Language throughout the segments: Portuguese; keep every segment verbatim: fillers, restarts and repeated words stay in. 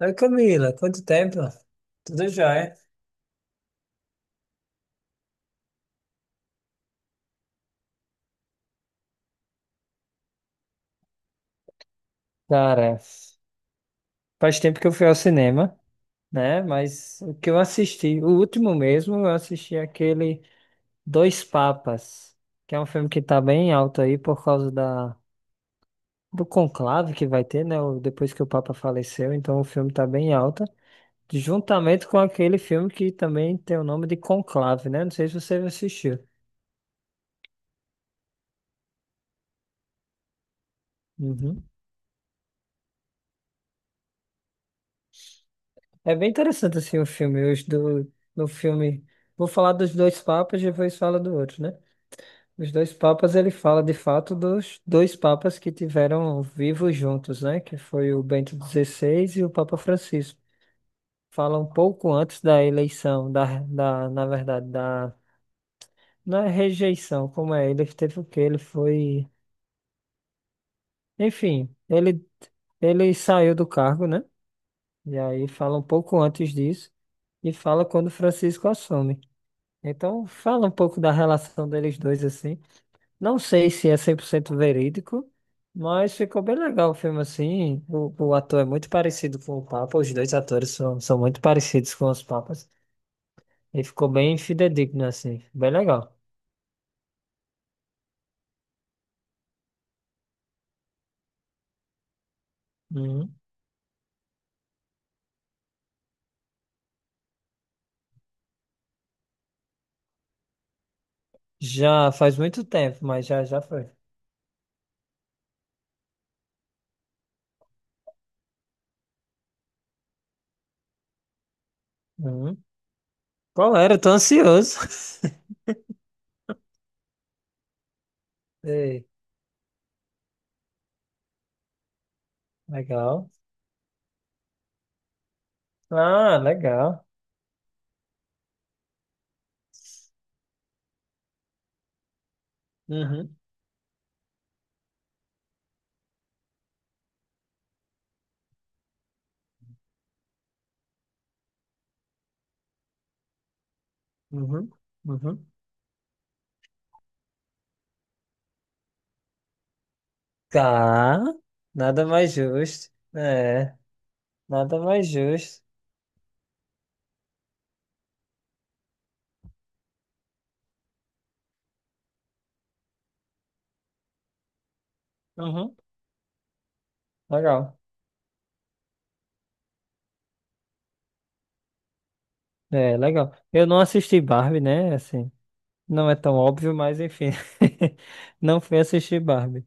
Oi, Camila, quanto tempo? Tudo jóia? Cara, faz tempo que eu fui ao cinema, né? Mas o que eu assisti, o último mesmo, eu assisti aquele Dois Papas, que é um filme que tá bem alto aí por causa da, do conclave que vai ter, né? o- Depois que o Papa faleceu, então o filme tá bem alta, juntamente com aquele filme que também tem o nome de Conclave, né? Não sei se você assistiu. Uhum. É bem interessante assim o filme. Os do, no filme, vou falar dos dois papas e depois fala do outro, né? Os dois papas, ele fala de fato dos dois papas que tiveram vivos juntos, né? Que foi o Bento dezesseis e o Papa Francisco. Fala um pouco antes da eleição, da, da, na verdade, da, não é rejeição, como é? Ele teve o quê? Ele foi, enfim, ele, ele saiu do cargo, né? E aí fala um pouco antes disso e fala quando Francisco assume. Então, fala um pouco da relação deles dois, assim. Não sei se é cem por cento verídico, mas ficou bem legal o filme, assim. O, o ator é muito parecido com o Papa, os dois atores são, são muito parecidos com os Papas. E ficou bem fidedigno, assim. Bem legal. Uhum. Já faz muito tempo, mas já, já foi. Uhum. Qual era? Eu tô ansioso. Ei, legal. Ah, legal. Uhum, uhum, uhum. Tá, nada mais justo. É. Nada mais justo. Uhum, legal. É, legal. Eu não assisti Barbie, né? Assim, não é tão óbvio, mas enfim. Não fui assistir Barbie.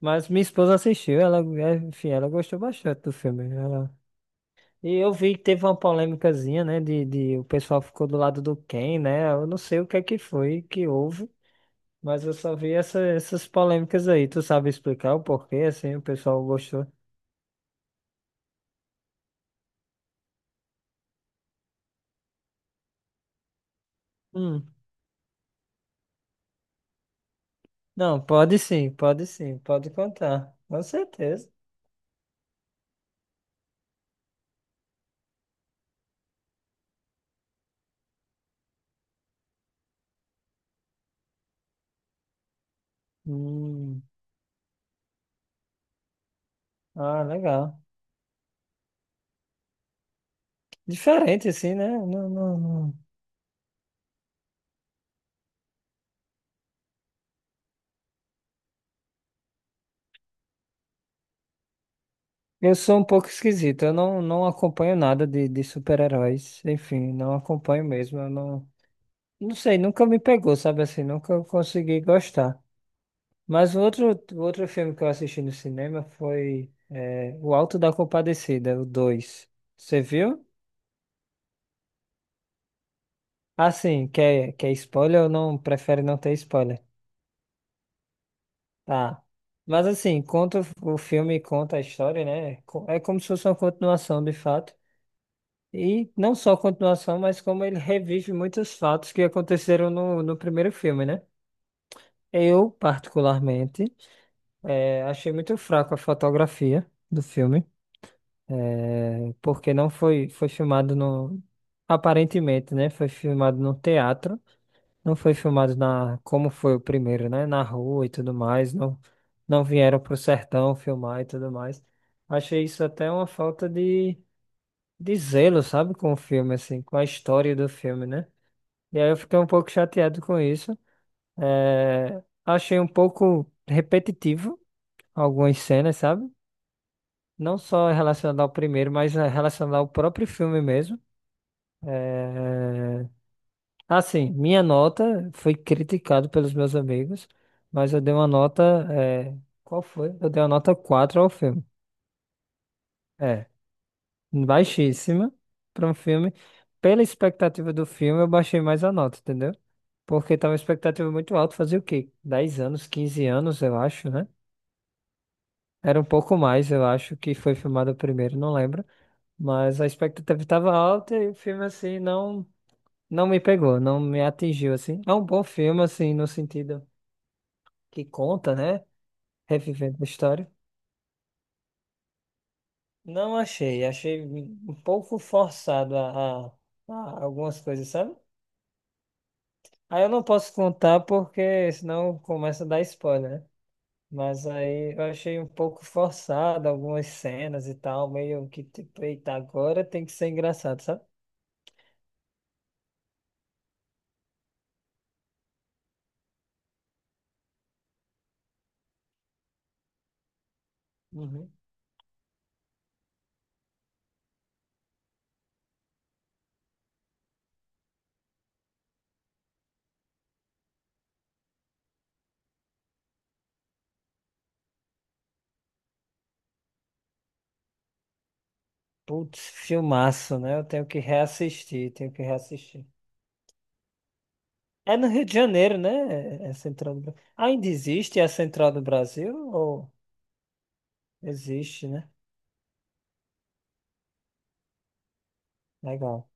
Mas minha esposa assistiu, ela, é, enfim, ela gostou bastante do filme. Ela... E eu vi que teve uma polêmicazinha, né? De, de O pessoal ficou do lado do Ken, né? Eu não sei o que é que foi, que houve, mas eu só vi essa- essas polêmicas aí. Tu sabe explicar o porquê, assim, o pessoal gostou? Hum. Não, pode sim, pode sim, pode contar. Com certeza. Hum, ah, legal. Diferente, assim, né? Não, não, não. Eu sou um pouco esquisito. Eu não, não acompanho nada de, de super-heróis. Enfim, não acompanho mesmo. Eu não, não sei, nunca me pegou, sabe assim? Nunca consegui gostar. Mas o outro, o outro filme que eu assisti no cinema foi é, O Alto da Compadecida, o dois. Você viu? Assim, quer, quer spoiler ou não? Prefere não ter spoiler? Tá. Mas assim, conta o filme, conta a história, né? Co- É como se fosse uma continuação, de fato. E não só continuação, mas como ele revive muitos fatos que aconteceram no, no primeiro filme, né? Eu, particularmente, eh, achei muito fraco a fotografia do filme, eh, porque não foi, foi filmado no... Aparentemente, né? Foi filmado no teatro. Não foi filmado na, como foi o primeiro, né? Na rua e tudo mais. Não, não vieram pro sertão filmar e tudo mais. Achei isso até uma falta de, de zelo, sabe? Com o filme, assim, com a história do filme, né? E aí eu fiquei um pouco chateado com isso. É, achei um pouco repetitivo algumas cenas, sabe? Não só relacionado ao primeiro, mas eh, relacionado ao próprio filme mesmo. É, assim, minha nota foi criticado pelos meus amigos, mas eu dei uma nota. eh, Qual foi? Eu dei uma nota quatro ao filme. É, baixíssima para um filme. Pela expectativa do filme, eu baixei mais a nota, entendeu? Porque tava uma expectativa muito alta, fazia o quê? Dez anos, quinze anos, eu acho, né? Era um pouco mais, eu acho, que foi filmado o primeiro, não lembro. Mas a expectativa estava alta e o filme, assim, não, não me pegou, não me atingiu, assim. É um bom filme, assim, no sentido que conta, né? Revivendo a história. Não achei, achei um pouco forçado a, a- a algumas coisas, sabe? Aí eu não posso contar porque senão começa a dar spoiler, né? Mas aí eu achei um pouco forçado algumas cenas e tal, meio que tipo, eita, agora tem que ser engraçado, sabe? Uhum. Putz, filmaço, né? Eu tenho que reassistir, tenho que reassistir. É no Rio de Janeiro, né? É é Central do Brasil. Ainda existe a Central do Brasil? Ou existe, né? Legal.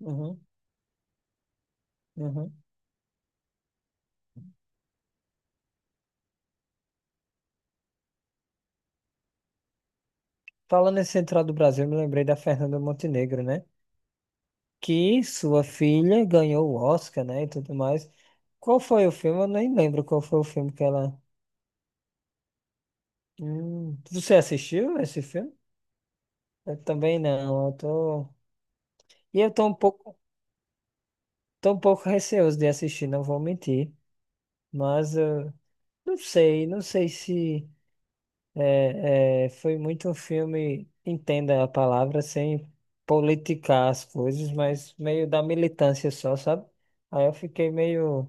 Uhum, uhum. Falando em Central do Brasil, eu me lembrei da Fernanda Montenegro, né? Que sua filha ganhou o Oscar, né? E tudo mais. Qual foi o filme? Eu nem lembro qual foi o filme que ela. Hum, Você assistiu esse filme? Eu também não. Eu tô... E eu tô um pouco, tô um pouco receoso de assistir, não vou mentir. Mas eu não sei, não sei se. É, é, foi muito um filme, entenda a palavra, sem politicar as coisas, mas meio da militância só, sabe? Aí eu fiquei meio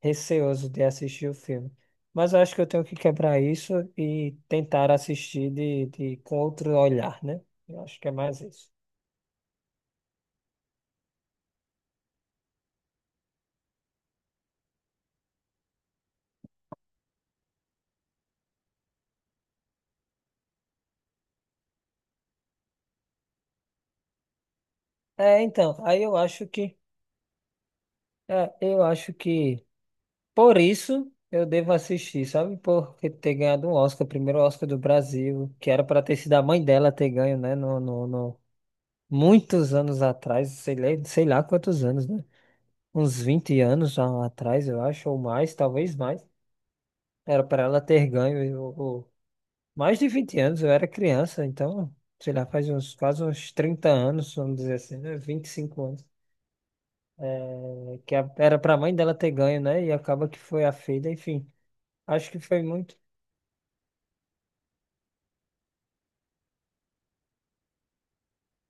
receoso de assistir o filme. Mas eu acho que eu tenho que quebrar isso e tentar assistir de, de, com outro olhar, né? Eu acho que é mais isso. É, então, aí eu acho que, é, eu acho que por isso eu devo assistir, sabe? Por ter ganhado um Oscar, o primeiro Oscar do Brasil, que era para ter sido a mãe dela ter ganho, né? No, no, no- Muitos anos atrás, sei lá, sei lá quantos anos, né? Uns vinte anos já atrás, eu acho, ou mais, talvez mais. Era para ela ter ganho. eu- eu- Mais de vinte anos, eu era criança, então, sei lá, faz uns quase uns trinta anos, vamos dizer assim, né? Vinte e cinco anos. Né? Que a- era para a mãe dela ter ganho, né? E acaba que foi a filha, enfim. Acho que foi muito.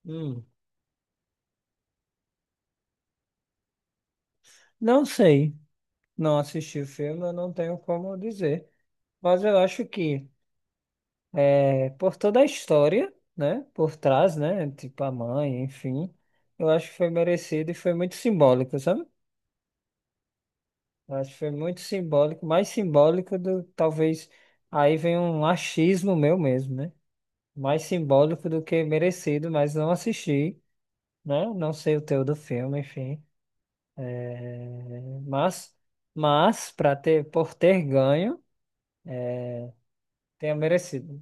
Uhum. Não sei, não assisti o filme, eu não tenho como dizer. Mas eu acho que é, por toda a história, né, por trás, né, tipo a mãe, enfim, eu acho que foi merecido e foi muito simbólico, sabe? Eu acho que foi muito simbólico, mais simbólico do, talvez, aí vem um achismo meu mesmo, né? Mais simbólico do que merecido, mas não assisti, né? Não sei o teu do filme, enfim. eh, Mas, mas para ter, por ter ganho, tenha merecido.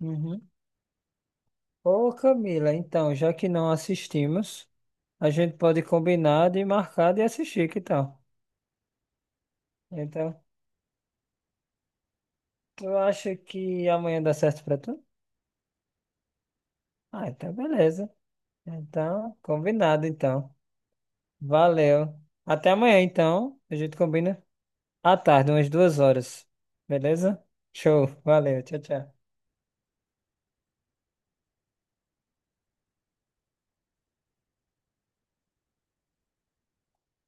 Uhum. Ô Camila, então, já que não assistimos, a gente pode combinar de marcar de assistir, que tal? Então, tu acha que amanhã dá certo pra tu? Ah, então beleza. Então, combinado então. Valeu. Até amanhã então, a gente combina à tarde, umas duas horas. Beleza? Show. Valeu. Tchau, tchau.